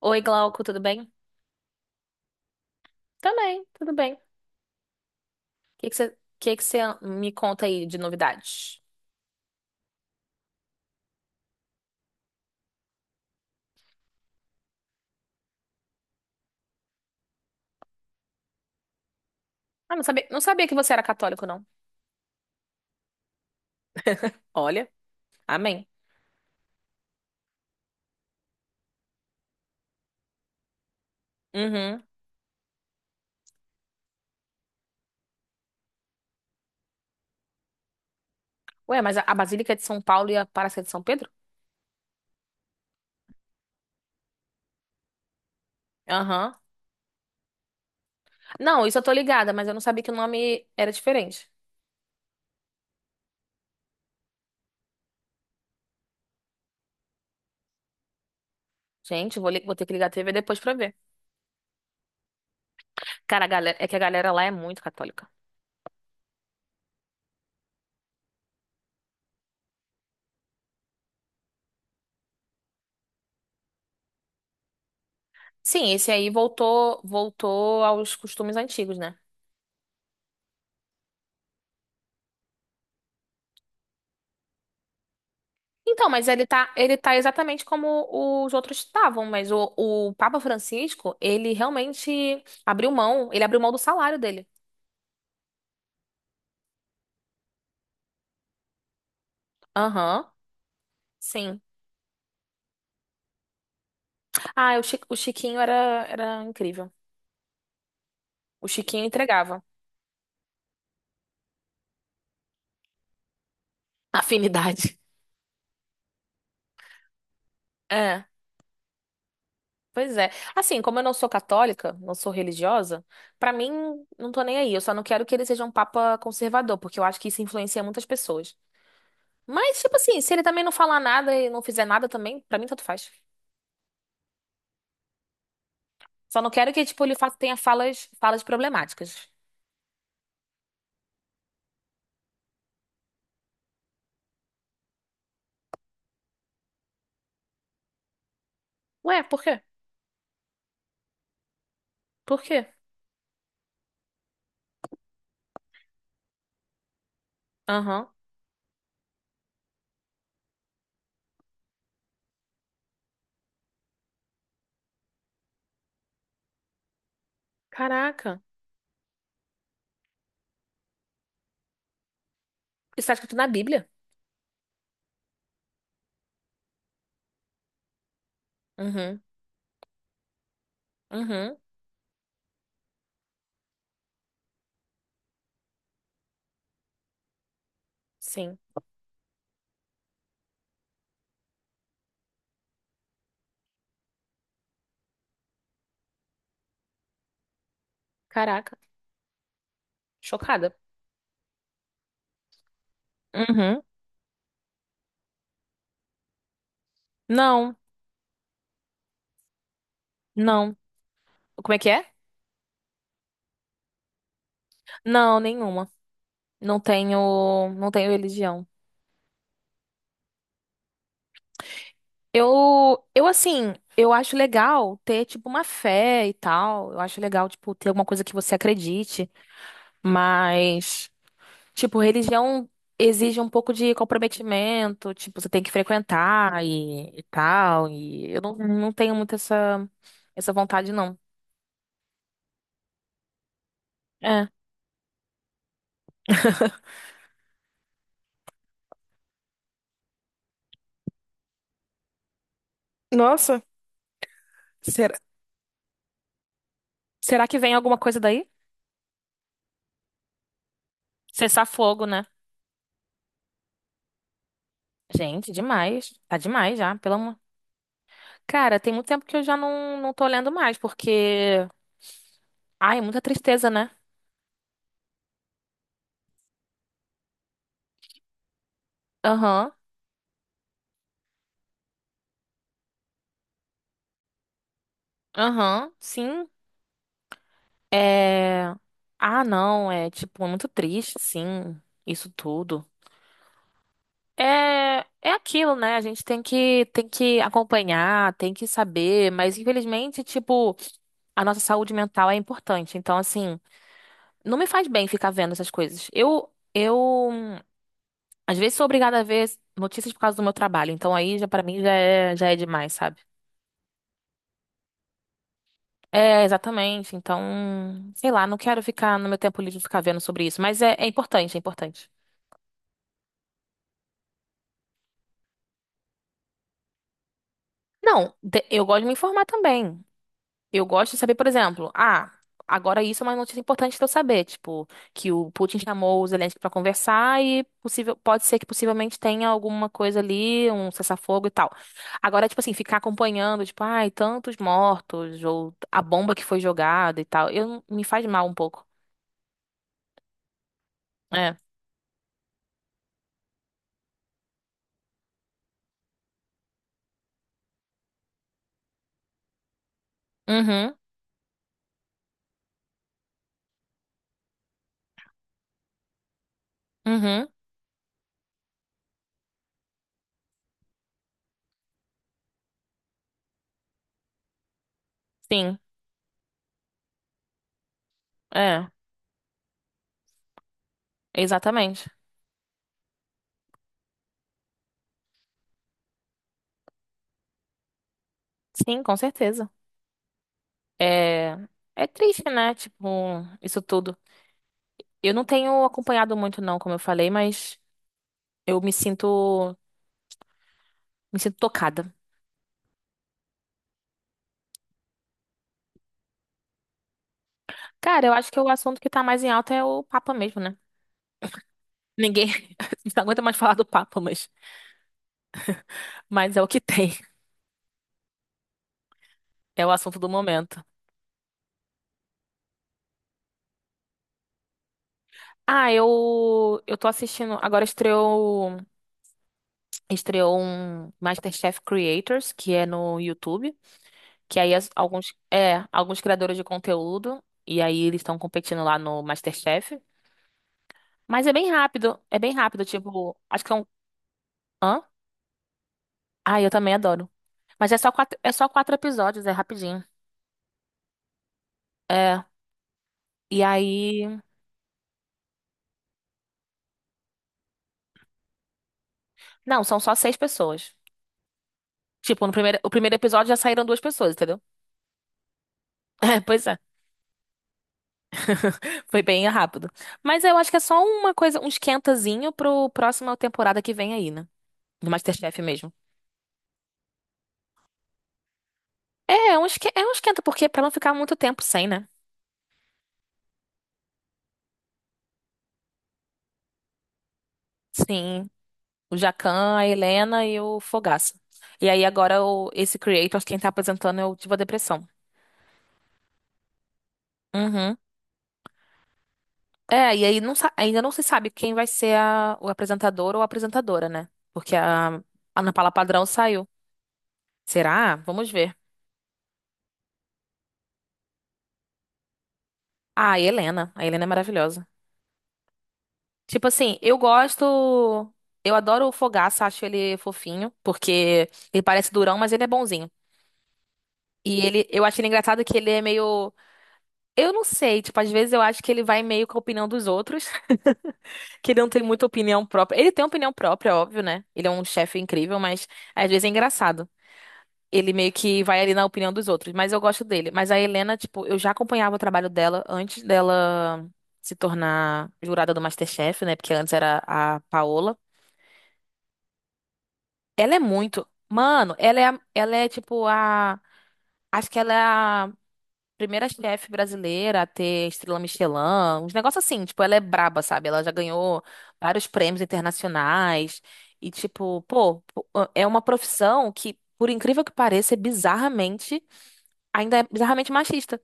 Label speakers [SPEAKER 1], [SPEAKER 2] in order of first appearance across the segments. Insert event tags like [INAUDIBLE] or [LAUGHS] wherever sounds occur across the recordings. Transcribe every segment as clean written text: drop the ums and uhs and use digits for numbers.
[SPEAKER 1] Oi, Glauco, tudo bem? Também, tudo bem. O que que você me conta aí de novidades? Ah, não sabia que você era católico, não. Olha, amém. Uhum. Ué, mas a Basílica é de São Paulo e a Paróquia é de São Pedro? Aham. Não, isso eu tô ligada, mas eu não sabia que o nome era diferente. Gente, vou ter que ligar a TV depois pra ver. Cara, a galera, é que a galera lá é muito católica. Sim, esse aí voltou aos costumes antigos, né? Então, mas ele tá exatamente como os outros estavam, mas o Papa Francisco, ele realmente abriu mão, ele abriu mão do salário dele. Aham, sim. Ah, o Chiquinho era, era incrível. O Chiquinho entregava. [LAUGHS] Afinidade. É, pois é. Assim, como eu não sou católica, não sou religiosa, pra mim, não tô nem aí. Eu só não quero que ele seja um Papa conservador, porque eu acho que isso influencia muitas pessoas. Mas, tipo assim, se ele também não falar nada e não fizer nada também, pra mim tanto faz. Só não quero que, tipo, tenha falas, falas problemáticas. Ué, por quê? Por quê? Aham. Caraca. Isso tá escrito na Bíblia? Uhum. Uhum. Sim. Caraca. Chocada. Uhum. Não. Não. Como é que é? Não, nenhuma. Não tenho religião. Eu assim, eu acho legal ter, tipo, uma fé e tal. Eu acho legal, tipo, ter alguma coisa que você acredite. Mas tipo, religião exige um pouco de comprometimento, tipo, você tem que frequentar e tal, e eu não tenho muito essa, essa vontade, não. É. [LAUGHS] Nossa, será? Será que vem alguma coisa daí? Cessar fogo, né? Gente, demais. Tá demais já, pelo amor. Cara, tem muito tempo que eu já não tô lendo mais, porque. Ai, é muita tristeza, né? Aham, aham, sim. Ah, não, é tipo, é muito triste, sim, isso tudo. É, é aquilo, né? A gente tem que acompanhar, tem que saber, mas infelizmente, tipo, a nossa saúde mental é importante. Então, assim, não me faz bem ficar vendo essas coisas. Eu, hum, às vezes sou obrigada a ver notícias por causa do meu trabalho. Então, aí já para mim já é demais, sabe? É, exatamente. Então, sei lá, não quero ficar no meu tempo livre ficar vendo sobre isso, mas é, é importante, é importante. Não, de- eu gosto de me informar também. Eu gosto de saber, por exemplo, ah, agora isso é uma notícia importante para eu saber, tipo, que o Putin chamou o Zelensky para conversar e possível, pode ser que possivelmente tenha alguma coisa ali, um cessar-fogo e tal. Agora, tipo assim, ficar acompanhando, tipo, ai, tantos mortos, ou a bomba que foi jogada e tal, eu, me faz mal um pouco. É. Uhum, uhum, sim, é, exatamente. Sim, com certeza. É, é triste, né? Tipo, isso tudo. Eu não tenho acompanhado muito, não, como eu falei, mas. Eu me sinto, me sinto tocada. Cara, eu acho que o assunto que tá mais em alta é o Papa mesmo, né? Ninguém [LAUGHS] não aguenta mais falar do Papa, mas é o que tem. É o assunto do momento. Ah, eu tô assistindo, agora estreou um MasterChef Creators, que é no YouTube, que aí alguns criadores de conteúdo e aí eles estão competindo lá no MasterChef, mas é bem rápido, tipo, acho que é um hã? Ah, eu também adoro. Mas é só quatro episódios, é rapidinho. É. E aí. Não, são só seis pessoas. Tipo, no primeiro, o primeiro episódio já saíram duas pessoas, entendeu? [LAUGHS] É, pois é. [LAUGHS] Foi bem rápido. Mas eu acho que é só uma coisa, um esquentazinho pro próxima temporada que vem aí, né? Do MasterChef mesmo. É, é um esquenta, porque pra não ficar muito tempo sem, né? Sim. O Jacan, a Helena e o Fogaça. E aí agora o, esse creator, quem tá apresentando é o Diva Depressão. Uhum. É, e aí ainda não se sabe quem vai ser o apresentador ou a apresentadora, né? Porque a Ana Paula Padrão saiu. Será? Vamos ver. Ah, e Helena. A Helena é maravilhosa. Tipo assim, eu gosto. Eu adoro o Fogaça, acho ele fofinho, porque ele parece durão, mas ele é bonzinho. E ele, eu acho ele engraçado que ele é meio. Eu não sei, tipo, às vezes eu acho que ele vai meio com a opinião dos outros, [LAUGHS] que ele não tem muita opinião própria. Ele tem opinião própria, óbvio, né? Ele é um chefe incrível, mas às vezes é engraçado. Ele meio que vai ali na opinião dos outros, mas eu gosto dele. Mas a Helena, tipo, eu já acompanhava o trabalho dela antes dela se tornar jurada do MasterChef, né? Porque antes era a Paola. Ela é muito. Mano, ela é tipo a. Acho que ela é a primeira chefe brasileira a ter estrela Michelin, uns negócios assim. Tipo, ela é braba, sabe? Ela já ganhou vários prêmios internacionais. E, tipo, pô, é uma profissão que, por incrível que pareça, é bizarramente. Ainda é bizarramente machista.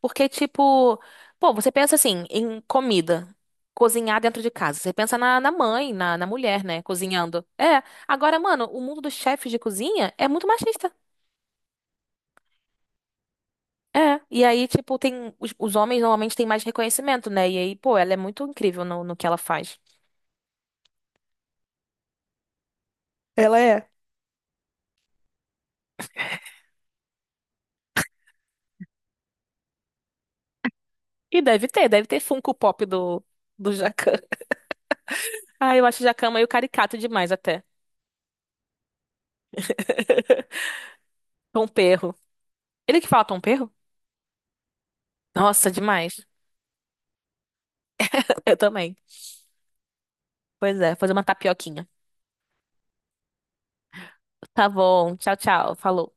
[SPEAKER 1] Porque, tipo, pô, você pensa assim, em comida, cozinhar dentro de casa. Você pensa na, na mãe, na, na mulher, né, cozinhando. É. Agora, mano, o mundo dos chefes de cozinha é muito machista. É. E aí, tipo, tem. Os homens normalmente têm mais reconhecimento, né? E aí, pô, ela é muito incrível no, no que ela faz. Ela é. E deve ter Funko Pop do, do Jacan. [LAUGHS] Ah, eu acho o Jacan meio caricato demais até. [LAUGHS] Tom Perro. Ele que fala Tom Perro? Nossa, demais. [LAUGHS] Eu também. Pois é, fazer uma tapioquinha. Tá bom, tchau, tchau. Falou.